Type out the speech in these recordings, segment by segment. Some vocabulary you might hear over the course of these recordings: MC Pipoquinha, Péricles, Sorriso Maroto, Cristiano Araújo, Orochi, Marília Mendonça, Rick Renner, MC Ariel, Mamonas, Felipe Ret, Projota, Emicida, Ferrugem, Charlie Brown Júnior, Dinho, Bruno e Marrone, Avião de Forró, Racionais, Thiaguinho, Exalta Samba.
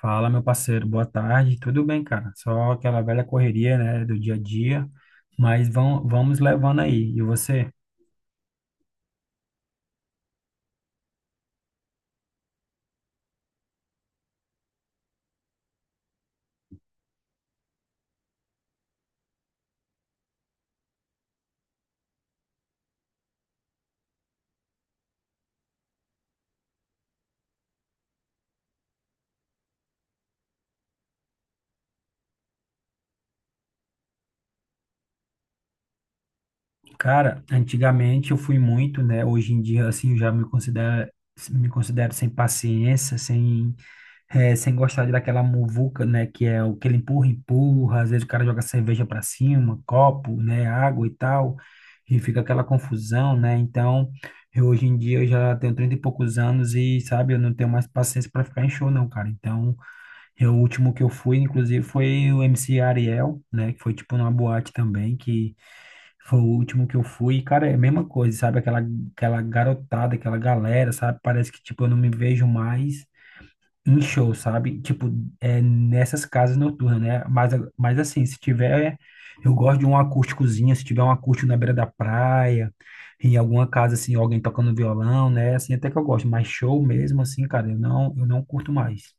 Fala, meu parceiro, boa tarde. Tudo bem, cara? Só aquela velha correria, né, do dia a dia, mas vamos levando aí. E você? Cara, antigamente eu fui muito, né? Hoje em dia, assim, eu já me considero sem paciência, sem gostar de daquela muvuca, né? Que é o que ele empurra. Às vezes o cara joga cerveja para cima, copo, né? Água e tal. E fica aquela confusão, né? Então, hoje em dia eu já tenho 30 e poucos anos e, sabe, eu não tenho mais paciência para ficar em show, não, cara. Então, o último que eu fui, inclusive, foi o MC Ariel, né? Que foi tipo numa boate também, que foi o último que eu fui. E, cara, é a mesma coisa, sabe? Aquela garotada, aquela galera, sabe? Parece que, tipo, eu não me vejo mais em show, sabe? Tipo, é nessas casas noturnas, né? Mas, mas assim, se tiver, eu gosto de um acústicozinho, se tiver um acústico na beira da praia, em alguma casa assim, alguém tocando violão, né? Assim, até que eu gosto, mas show mesmo assim, cara, eu não curto mais.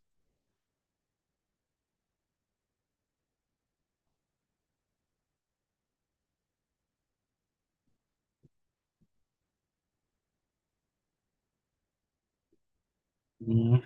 Hum,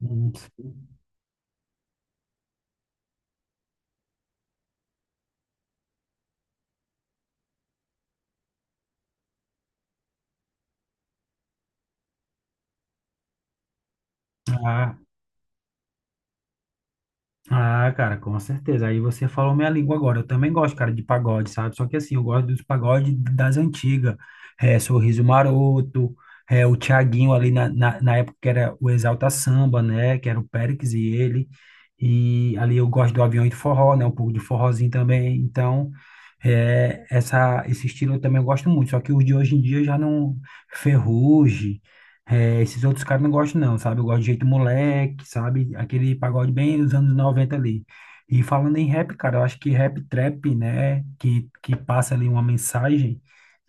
hum. Ah, Ah, cara, com certeza. Aí você falou minha língua agora. Eu também gosto, cara, de pagode, sabe? Só que assim, eu gosto dos pagodes das antigas. É, Sorriso Maroto, é, o Thiaguinho ali na época que era o Exalta Samba, né? Que era o Péricles e ele. E ali eu gosto do Avião de Forró, né? Um pouco de forrozinho também. Então, esse estilo eu também gosto muito. Só que os de hoje em dia já não... Ferrugem, é, esses outros caras não gostam, não, sabe? Eu gosto de jeito moleque, sabe? Aquele pagode bem dos anos 90 ali. E falando em rap, cara, eu acho que rap trap, né? Que passa ali uma mensagem,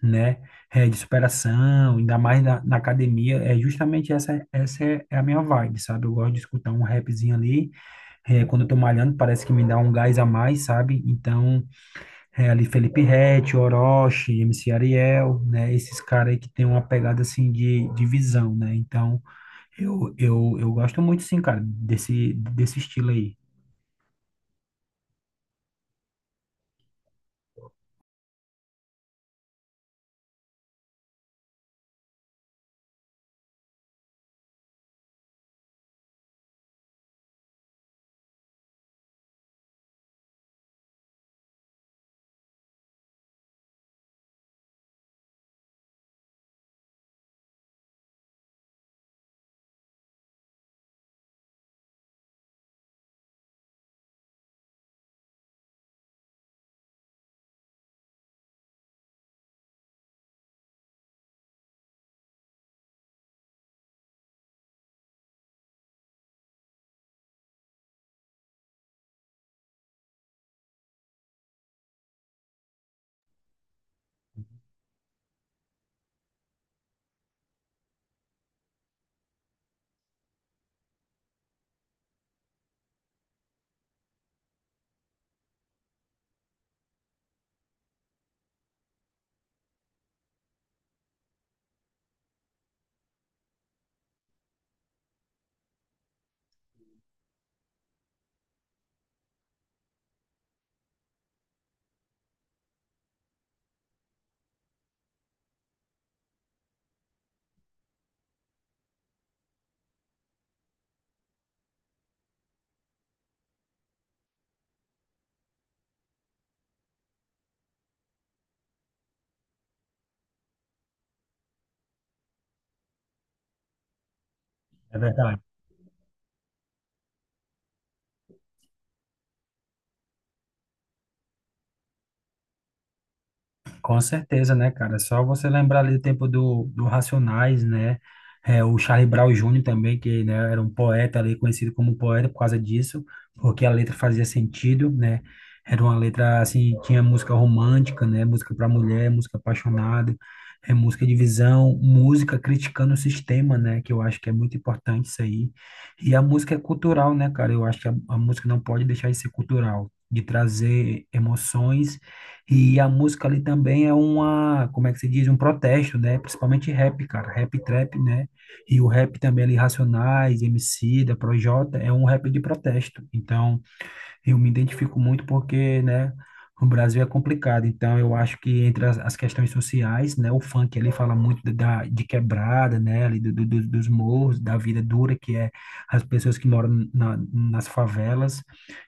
né? É, de superação, ainda mais na academia. É justamente essa, é a minha vibe, sabe? Eu gosto de escutar um rapzinho ali. É, quando eu tô malhando, parece que me dá um gás a mais, sabe? Então. É, ali Felipe Ret, Orochi, MC Ariel, né? Esses caras aí que tem uma pegada assim de visão, né? Então, eu gosto muito, sim, cara, desse estilo aí. É verdade. Com certeza, né, cara? É, só você lembrar ali do tempo do Racionais, né? É, o Charlie Brown Júnior também, que né, era um poeta ali, conhecido como poeta por causa disso, porque a letra fazia sentido, né? Era uma letra, assim, tinha música romântica, né? Música para mulher, música apaixonada, é, música de visão, música criticando o sistema, né? Que eu acho que é muito importante isso aí. E a música é cultural, né, cara? Eu acho que a música não pode deixar de ser cultural, de trazer emoções e a música ali também é uma, como é que se diz, um protesto, né? Principalmente rap, cara, rap trap, né? E o rap também ali, Racionais, Emicida, Projota, é um rap de protesto. Então, eu me identifico muito porque, né, o Brasil é complicado. Então, eu acho que entre as questões sociais, né, o funk ali fala muito da, de quebrada, né, ali dos morros, da vida dura que é as pessoas que moram nas favelas.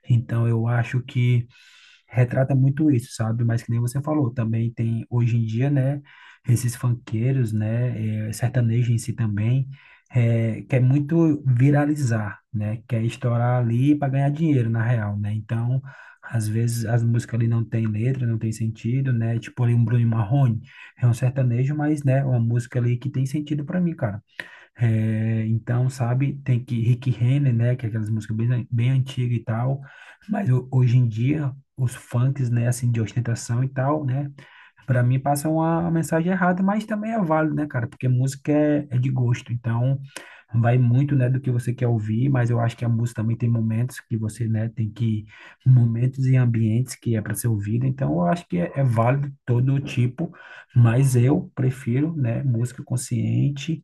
Então, eu acho que retrata muito isso, sabe? Mas que nem você falou, também tem hoje em dia, né, esses funkeiros, né, eh, sertanejo em si também, eh, quer muito viralizar, né? Quer estourar ali para ganhar dinheiro, na real, né? Então, às vezes as músicas ali não tem letra, não tem sentido, né? Tipo ali um Bruno e Marrone, é um sertanejo, mas, né, uma música ali que tem sentido para mim, cara. É, então, sabe, tem que Rick Renner, né, que é aquelas músicas bem, bem antigas e tal, mas hoje em dia, os funks, né, assim, de ostentação e tal, né, para mim passam uma mensagem errada, mas também é válido, né, cara, porque música é de gosto, então vai muito, né, do que você quer ouvir, mas eu acho que a música também tem momentos que você, né, momentos e ambientes que é para ser ouvido, então eu acho que é válido todo tipo, mas eu prefiro, né, música consciente,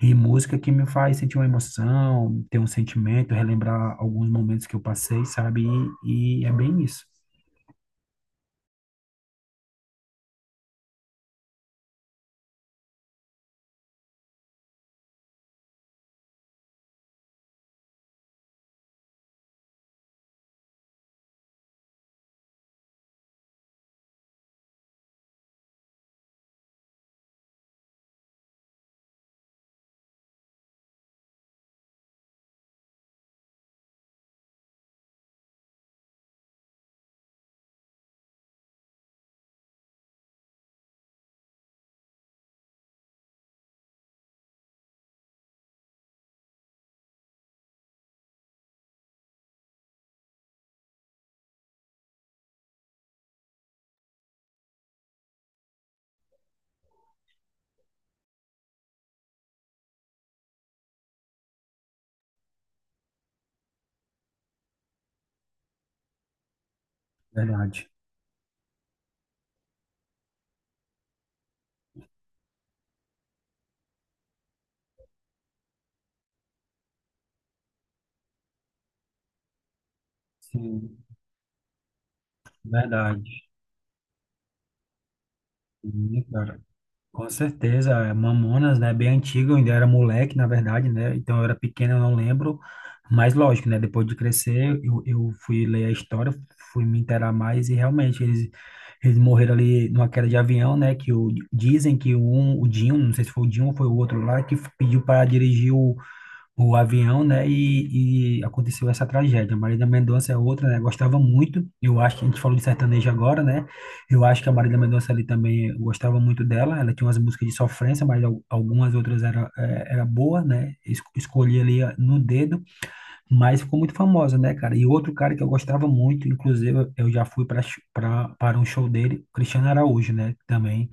e música que me faz sentir uma emoção, ter um sentimento, relembrar alguns momentos que eu passei, sabe? E é bem isso. Verdade. Sim, verdade. Sim, cara. Com certeza, é, Mamonas, né, bem antigo, eu ainda era moleque, na verdade, né, então eu era pequeno, eu não lembro, mas lógico, né, depois de crescer, eu fui ler a história, fui me inteirar mais e realmente eles morreram ali numa queda de avião, né, que o, dizem que um, o Dinho, não sei se foi o Dinho ou foi o outro lá, que pediu para dirigir o avião, né? E aconteceu essa tragédia. Marília Mendonça é outra, né? Gostava muito. Eu acho que a gente falou de sertanejo agora, né? Eu acho que a Marília Mendonça ali também eu gostava muito dela. Ela tinha umas músicas de sofrência, mas algumas outras era boa, né? Escolhi ali ah, no dedo, mas ficou muito famosa, né, cara? E outro cara que eu gostava muito, inclusive eu já fui para um show dele, Cristiano Araújo, né? Também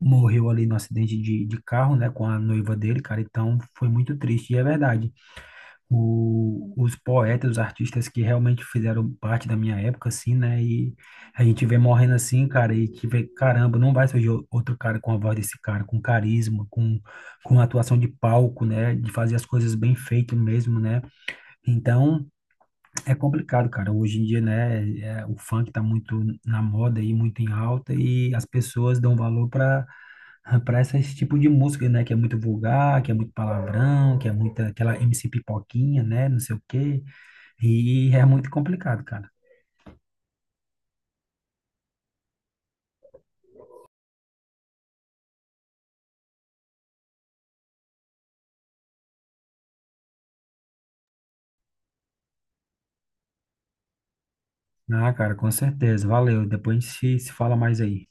morreu ali no acidente de carro, né? Com a noiva dele, cara. Então foi muito triste, e é verdade os poetas, os artistas que realmente fizeram parte da minha época, assim, né? E a gente vê morrendo assim, cara, e que vê, caramba, não vai surgir outro cara com a voz desse cara, com carisma, com atuação de palco, né? De fazer as coisas bem feito mesmo, né? Então, é complicado, cara. Hoje em dia, né? É, o funk tá muito na moda e muito em alta e as pessoas dão valor para esse tipo de música, né? Que é muito vulgar, que é muito palavrão, que é muita aquela MC Pipoquinha, né? Não sei o quê. E é muito complicado, cara. Ah, cara, com certeza. Valeu. Depois a gente se fala mais aí.